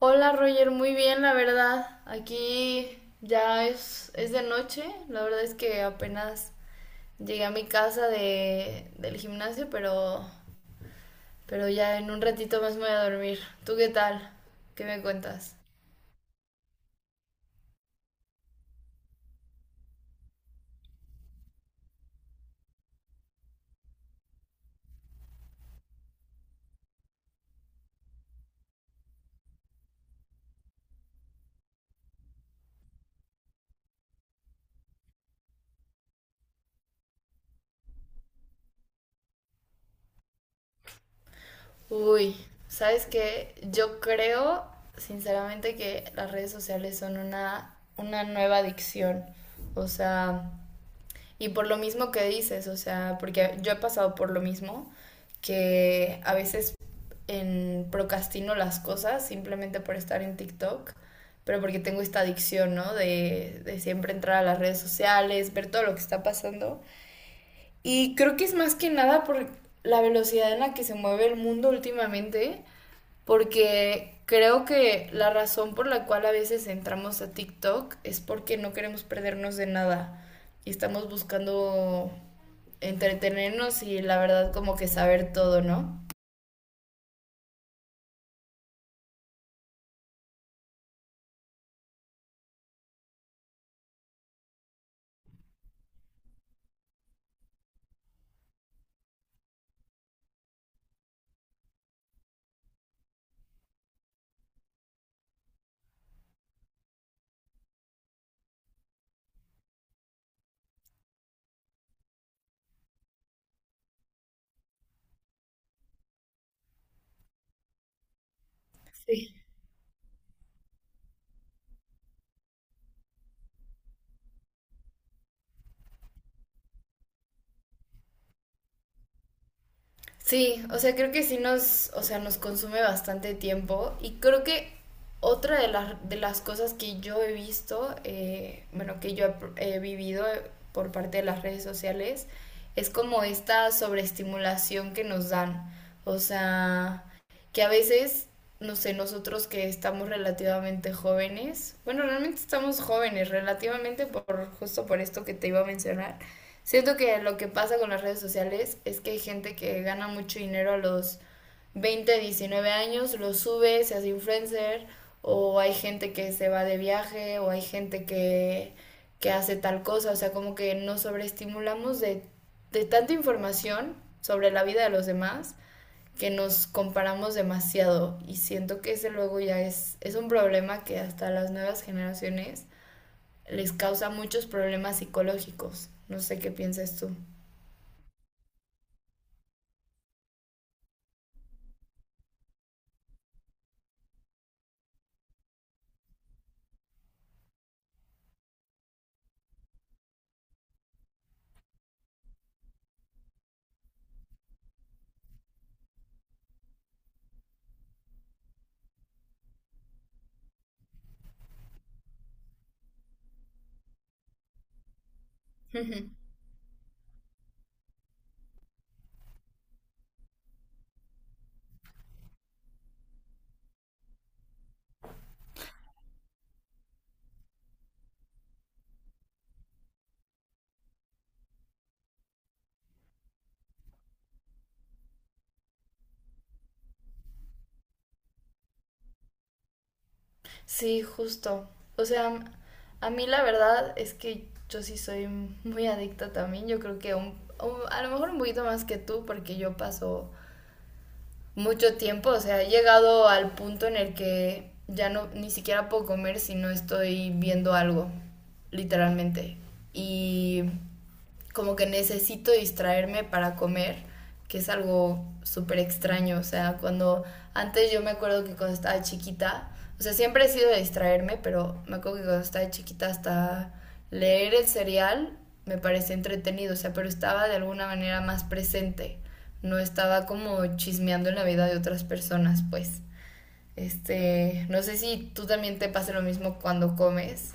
Hola Roger, muy bien, la verdad. Aquí ya es de noche. La verdad es que apenas llegué a mi casa del gimnasio, pero ya en un ratito más me voy a dormir. ¿Tú qué tal? ¿Qué me cuentas? Uy, ¿Sabes qué? Yo creo, sinceramente, que las redes sociales son una nueva adicción. O sea, y por lo mismo que dices, o sea, porque yo he pasado por lo mismo, que a veces procrastino las cosas simplemente por estar en TikTok, pero porque tengo esta adicción, ¿no? De siempre entrar a las redes sociales, ver todo lo que está pasando. Y creo que es más que nada por la velocidad en la que se mueve el mundo últimamente porque creo que la razón por la cual a veces entramos a TikTok es porque no queremos perdernos de nada y estamos buscando entretenernos y la verdad como que saber todo, ¿no? Sí. Sí, o sea, creo que sí nos, o sea, nos consume bastante tiempo y creo que otra de las cosas que yo he visto, bueno, que he vivido por parte de las redes sociales, es como esta sobreestimulación que nos dan. O sea, que a veces, no sé, nosotros que estamos relativamente jóvenes, bueno, realmente estamos jóvenes, relativamente por justo por esto que te iba a mencionar, siento que lo que pasa con las redes sociales es que hay gente que gana mucho dinero a los 20, 19 años, lo sube, se hace influencer, o hay gente que se va de viaje, o hay que hace tal cosa, o sea, como que nos sobreestimulamos de tanta información sobre la vida de los demás que nos comparamos demasiado y siento que ese luego ya es un problema que hasta las nuevas generaciones les causa muchos problemas psicológicos. No sé qué piensas tú. Ujú. Sí, justo. O sea, a mí la verdad es que yo sí soy muy adicta también. Yo creo que a lo mejor un poquito más que tú, porque yo paso mucho tiempo, o sea, he llegado al punto en el que ya no ni siquiera puedo comer si no estoy viendo algo, literalmente. Y como que necesito distraerme para comer, que es algo súper extraño, o sea, cuando antes yo me acuerdo que cuando estaba chiquita, o sea, siempre he sido de distraerme, pero me acuerdo que cuando estaba chiquita hasta leer el cereal me parecía entretenido, o sea, pero estaba de alguna manera más presente no estaba como chismeando en la vida de otras personas, pues. Este, no sé si tú también te pasa lo mismo cuando comes.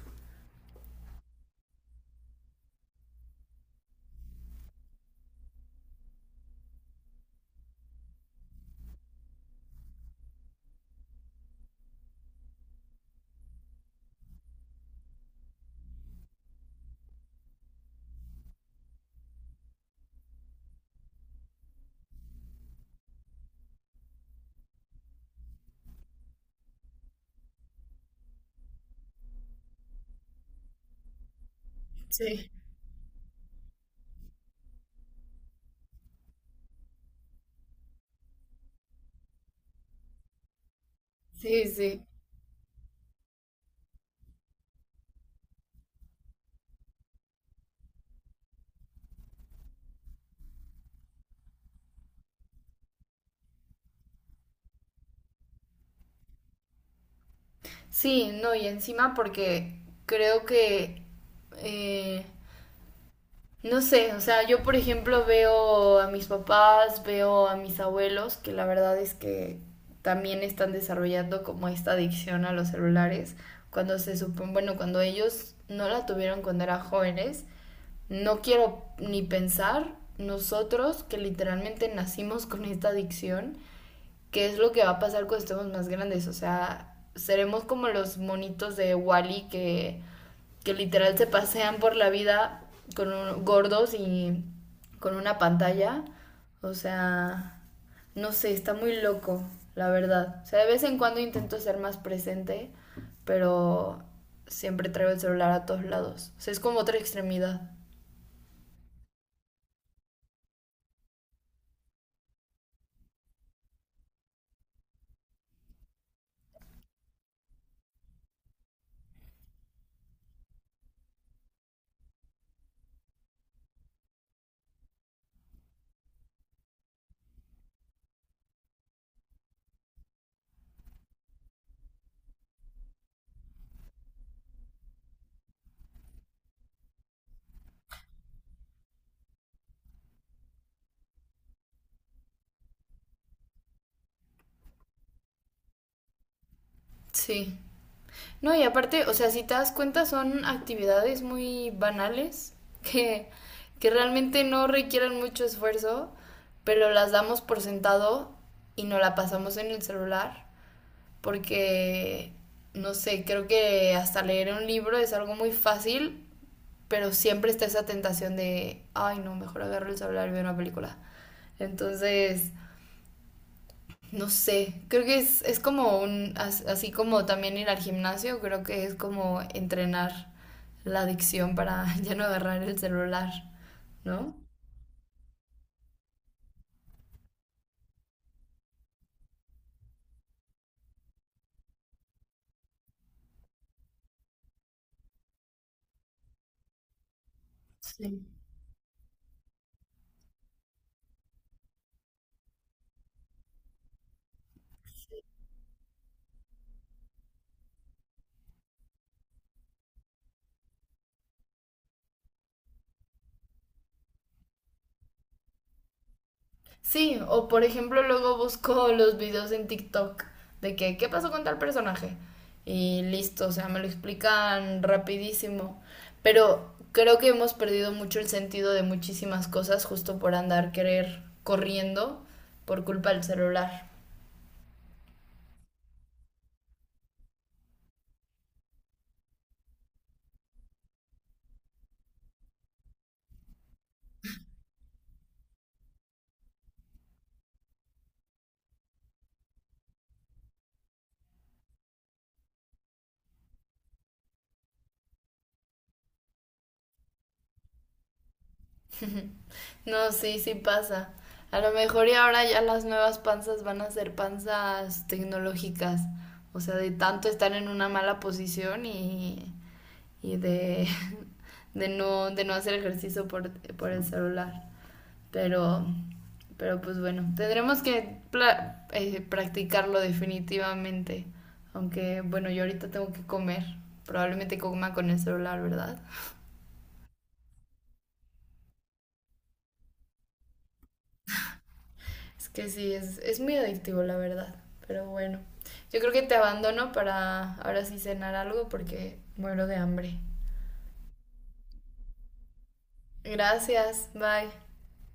Sí, sí, sí. Sí, no, y encima porque creo que, eh, no sé, o sea, yo por ejemplo veo a mis papás, veo a mis abuelos, que la verdad es que también están desarrollando como esta adicción a los celulares, cuando se supone, bueno, cuando ellos no la tuvieron cuando eran jóvenes, no quiero ni pensar nosotros que literalmente nacimos con esta adicción, qué es lo que va a pasar cuando estemos más grandes. O sea, seremos como los monitos de Wall-E que literal se pasean por la vida con un- gordos y con una pantalla. O sea, no sé, está muy loco, la verdad. O sea, de vez en cuando intento ser más presente, pero siempre traigo el celular a todos lados. O sea, es como otra extremidad. Sí. No, y aparte, o sea, si te das cuenta, son actividades muy banales que, que realmente no requieren mucho esfuerzo, pero las damos por sentado y no la pasamos en el celular porque, no sé, creo que hasta leer un libro es algo muy fácil, pero siempre está esa tentación de, ay, no, mejor agarro el celular y veo una película. Entonces, no sé, creo que es como un, as- así como también ir al gimnasio, creo que es como entrenar la adicción para ya no agarrar el celular, ¿no? Sí. Sí, o por ejemplo luego busco los videos en TikTok de que, ¿qué pasó con tal personaje? Y listo, o sea, me lo explican rapidísimo. Pero creo que hemos perdido mucho el sentido de muchísimas cosas justo por andar querer corriendo por culpa del celular. No, sí, sí pasa. A lo mejor y ahora ya las nuevas panzas van a ser panzas tecnológicas. O sea, de tanto estar en una mala posición y de, de no hacer ejercicio por el celular. Pero, pero pues bueno, tendremos que practicarlo definitivamente. Aunque bueno, yo ahorita tengo que comer. Probablemente coma con el celular, ¿verdad? Es que sí, es muy adictivo, la verdad. Pero bueno, yo creo que te abandono para ahora sí cenar algo porque muero de hambre. Gracias, bye.